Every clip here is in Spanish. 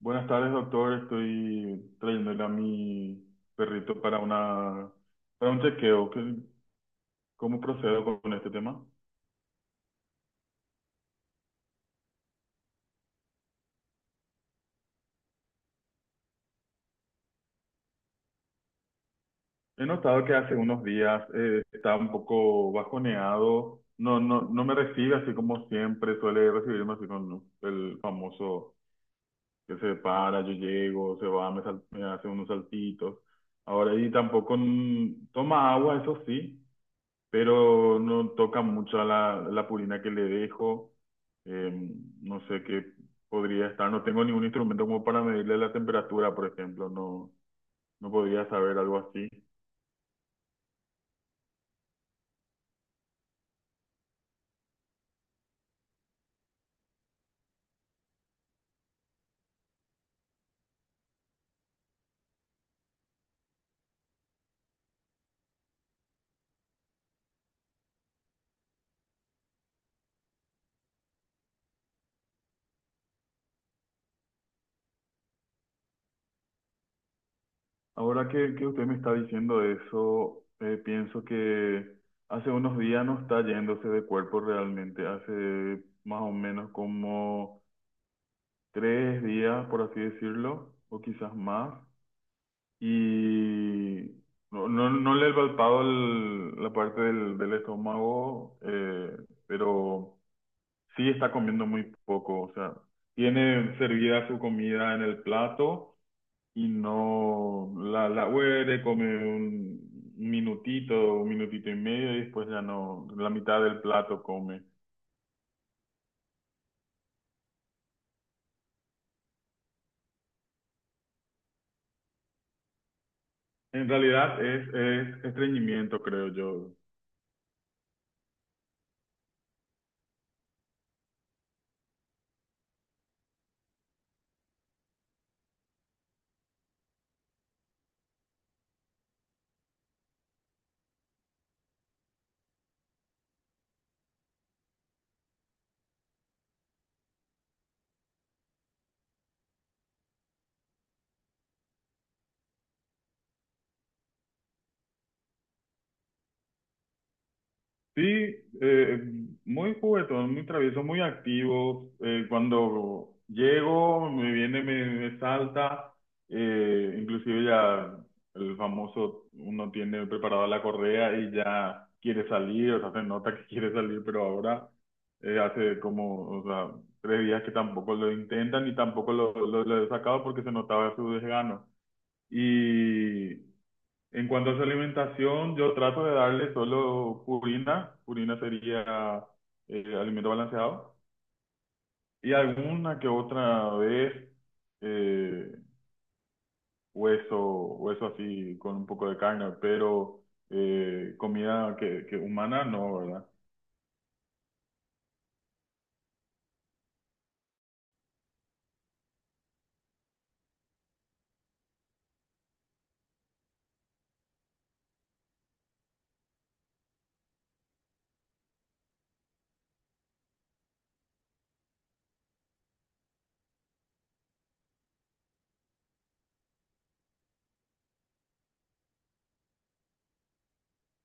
Buenas tardes, doctor. Estoy trayéndole a mi perrito para un chequeo. ¿Cómo procedo con este tema? He notado que hace unos días está un poco bajoneado. No me recibe así como siempre. Suele recibirme así con el famoso que se para, yo llego, se va, me hace unos saltitos. Ahora y tampoco toma agua, eso sí, pero no toca mucho a la purina que le dejo. Eh, no sé qué podría estar. No tengo ningún instrumento como para medirle la temperatura, por ejemplo. No, no podría saber algo así. Ahora que usted me está diciendo eso, pienso que hace unos días no está yéndose de cuerpo realmente. Hace más o menos como tres días, por así decirlo, o quizás más. Y no le he palpado la parte del estómago, pero sí está comiendo muy poco, o sea, tiene servida su comida en el plato y no la huele, come un minutito y medio y después ya no, la mitad del plato come. En realidad es estreñimiento, creo yo. Sí, eh, muy juguetón, muy travieso, muy activo. Cuando llego, me viene, me salta. Inclusive ya el famoso, uno tiene preparada la correa y ya quiere salir, o sea, se nota que quiere salir, pero ahora hace como, o sea, tres días que tampoco lo intentan y tampoco lo he sacado porque se notaba su desgano. Y en cuanto a su alimentación, yo trato de darle solo purina. Purina sería alimento balanceado. Y alguna que otra vez eh, hueso, hueso así con un poco de carne, pero comida que humana no, ¿verdad?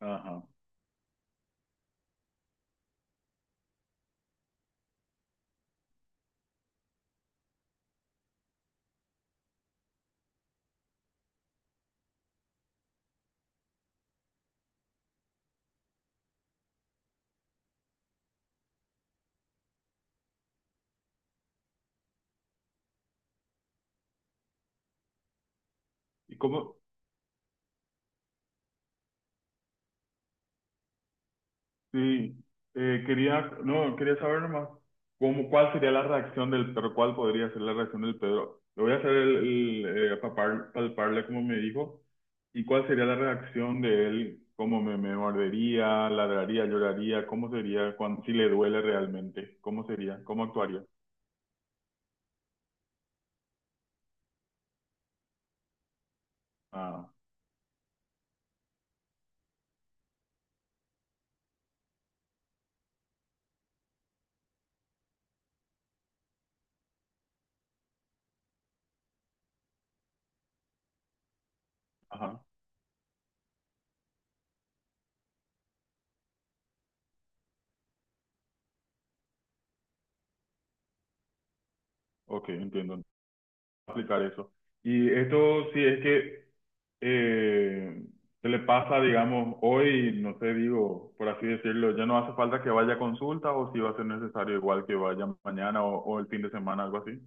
Ajá. ¿Y cómo? Sí, quería, no, quería saber nomás cómo, cuál sería la reacción del perro, cuál podría ser la reacción del perro. Le voy a hacer palparle como me dijo, y cuál sería la reacción de él, cómo me mordería, ladraría, lloraría, cómo sería, cuando, si le duele realmente, cómo sería, cómo actuaría. Ah, ajá, ok, entiendo, aplicar eso. Y esto sí es que eh, se le pasa, digamos, hoy, no sé, digo, por así decirlo, ya no hace falta que vaya a consulta o si va a ser necesario igual que vaya mañana o el fin de semana, algo así.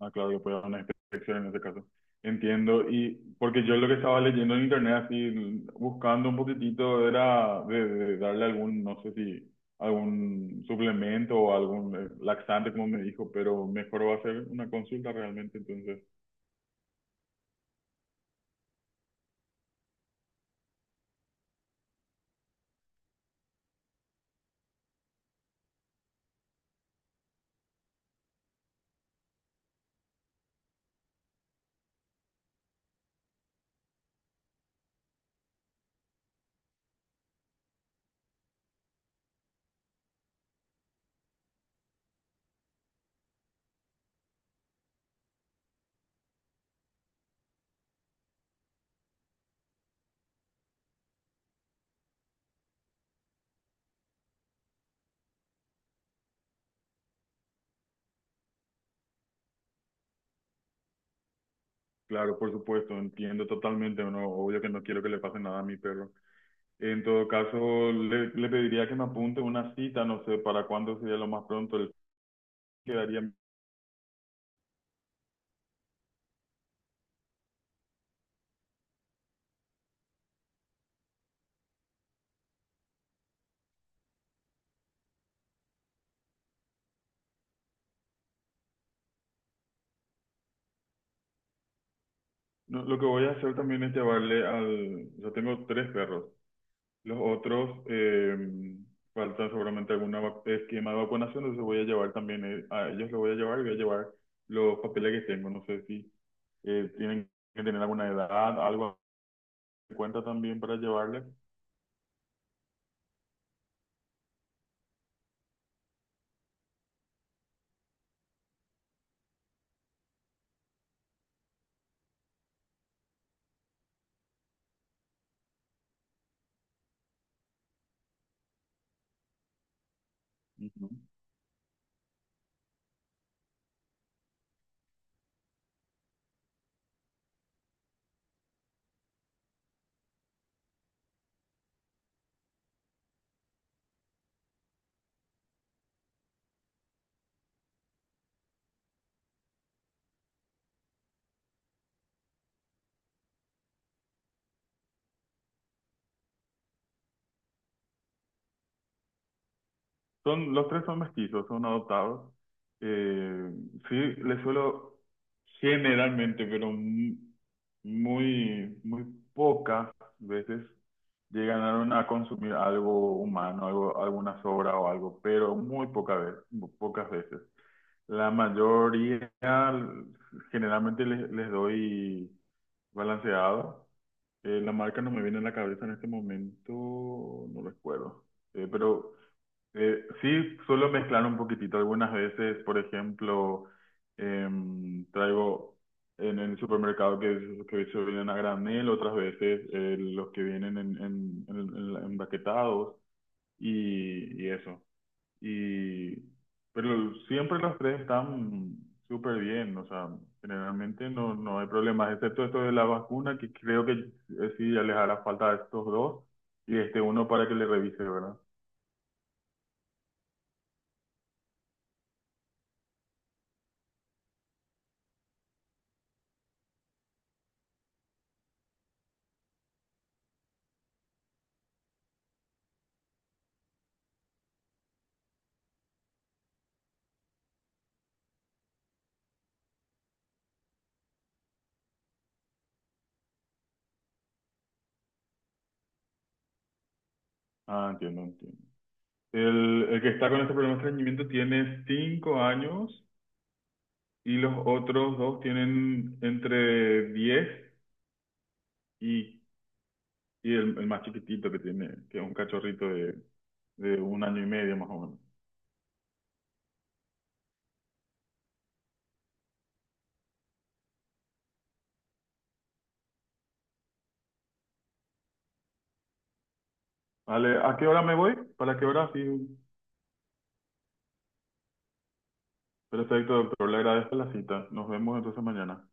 Ah, claro, que puede haber una inspección en ese caso. Entiendo, y porque yo lo que estaba leyendo en internet, así, buscando un poquitito, era de darle algún, no sé si, algún suplemento o algún laxante, como me dijo, pero mejor va a ser una consulta realmente, entonces. Claro, por supuesto, entiendo totalmente, no, obvio que no quiero que le pase nada a mi perro. En todo caso, le pediría que me apunte una cita, no sé para cuándo sería lo más pronto. Él quedaría. No, lo que voy a hacer también es llevarle al. Yo tengo tres perros. Los otros faltan seguramente algún esquema de vacunación, entonces voy a llevar también a ellos. Lo voy a llevar y voy a llevar los papeles que tengo. No sé si tienen que tener alguna edad, algo en cuenta también para llevarles. Ujú. Son, los tres son mestizos, son adoptados. Eh, sí, les suelo generalmente, pero muy, muy pocas veces llegaron a consumir algo humano, algo, alguna sobra o algo, pero muy poca vez, muy pocas veces. La mayoría, generalmente les doy balanceado. La marca no me viene a la cabeza en este momento, no recuerdo. Pero sí, suelo mezclar un poquitito. Algunas veces, por ejemplo, traigo en el supermercado que se vienen a granel, otras veces los que vienen empaquetados y eso. Y, pero siempre los tres están súper bien, o sea, generalmente no, no hay problemas, excepto esto de la vacuna, que creo que sí ya les hará falta a estos dos y este uno para que le revise, ¿verdad? Ah, entiendo, entiendo. El que está con este problema de estreñimiento tiene 5 años y los otros dos tienen entre 10 y, y el más chiquitito que tiene, que es un cachorrito de 1 año y medio más o menos. Vale, ¿a qué hora me voy? ¿Para qué hora? Sí, perfecto, doctor. Le agradezco la cita. Nos vemos entonces mañana.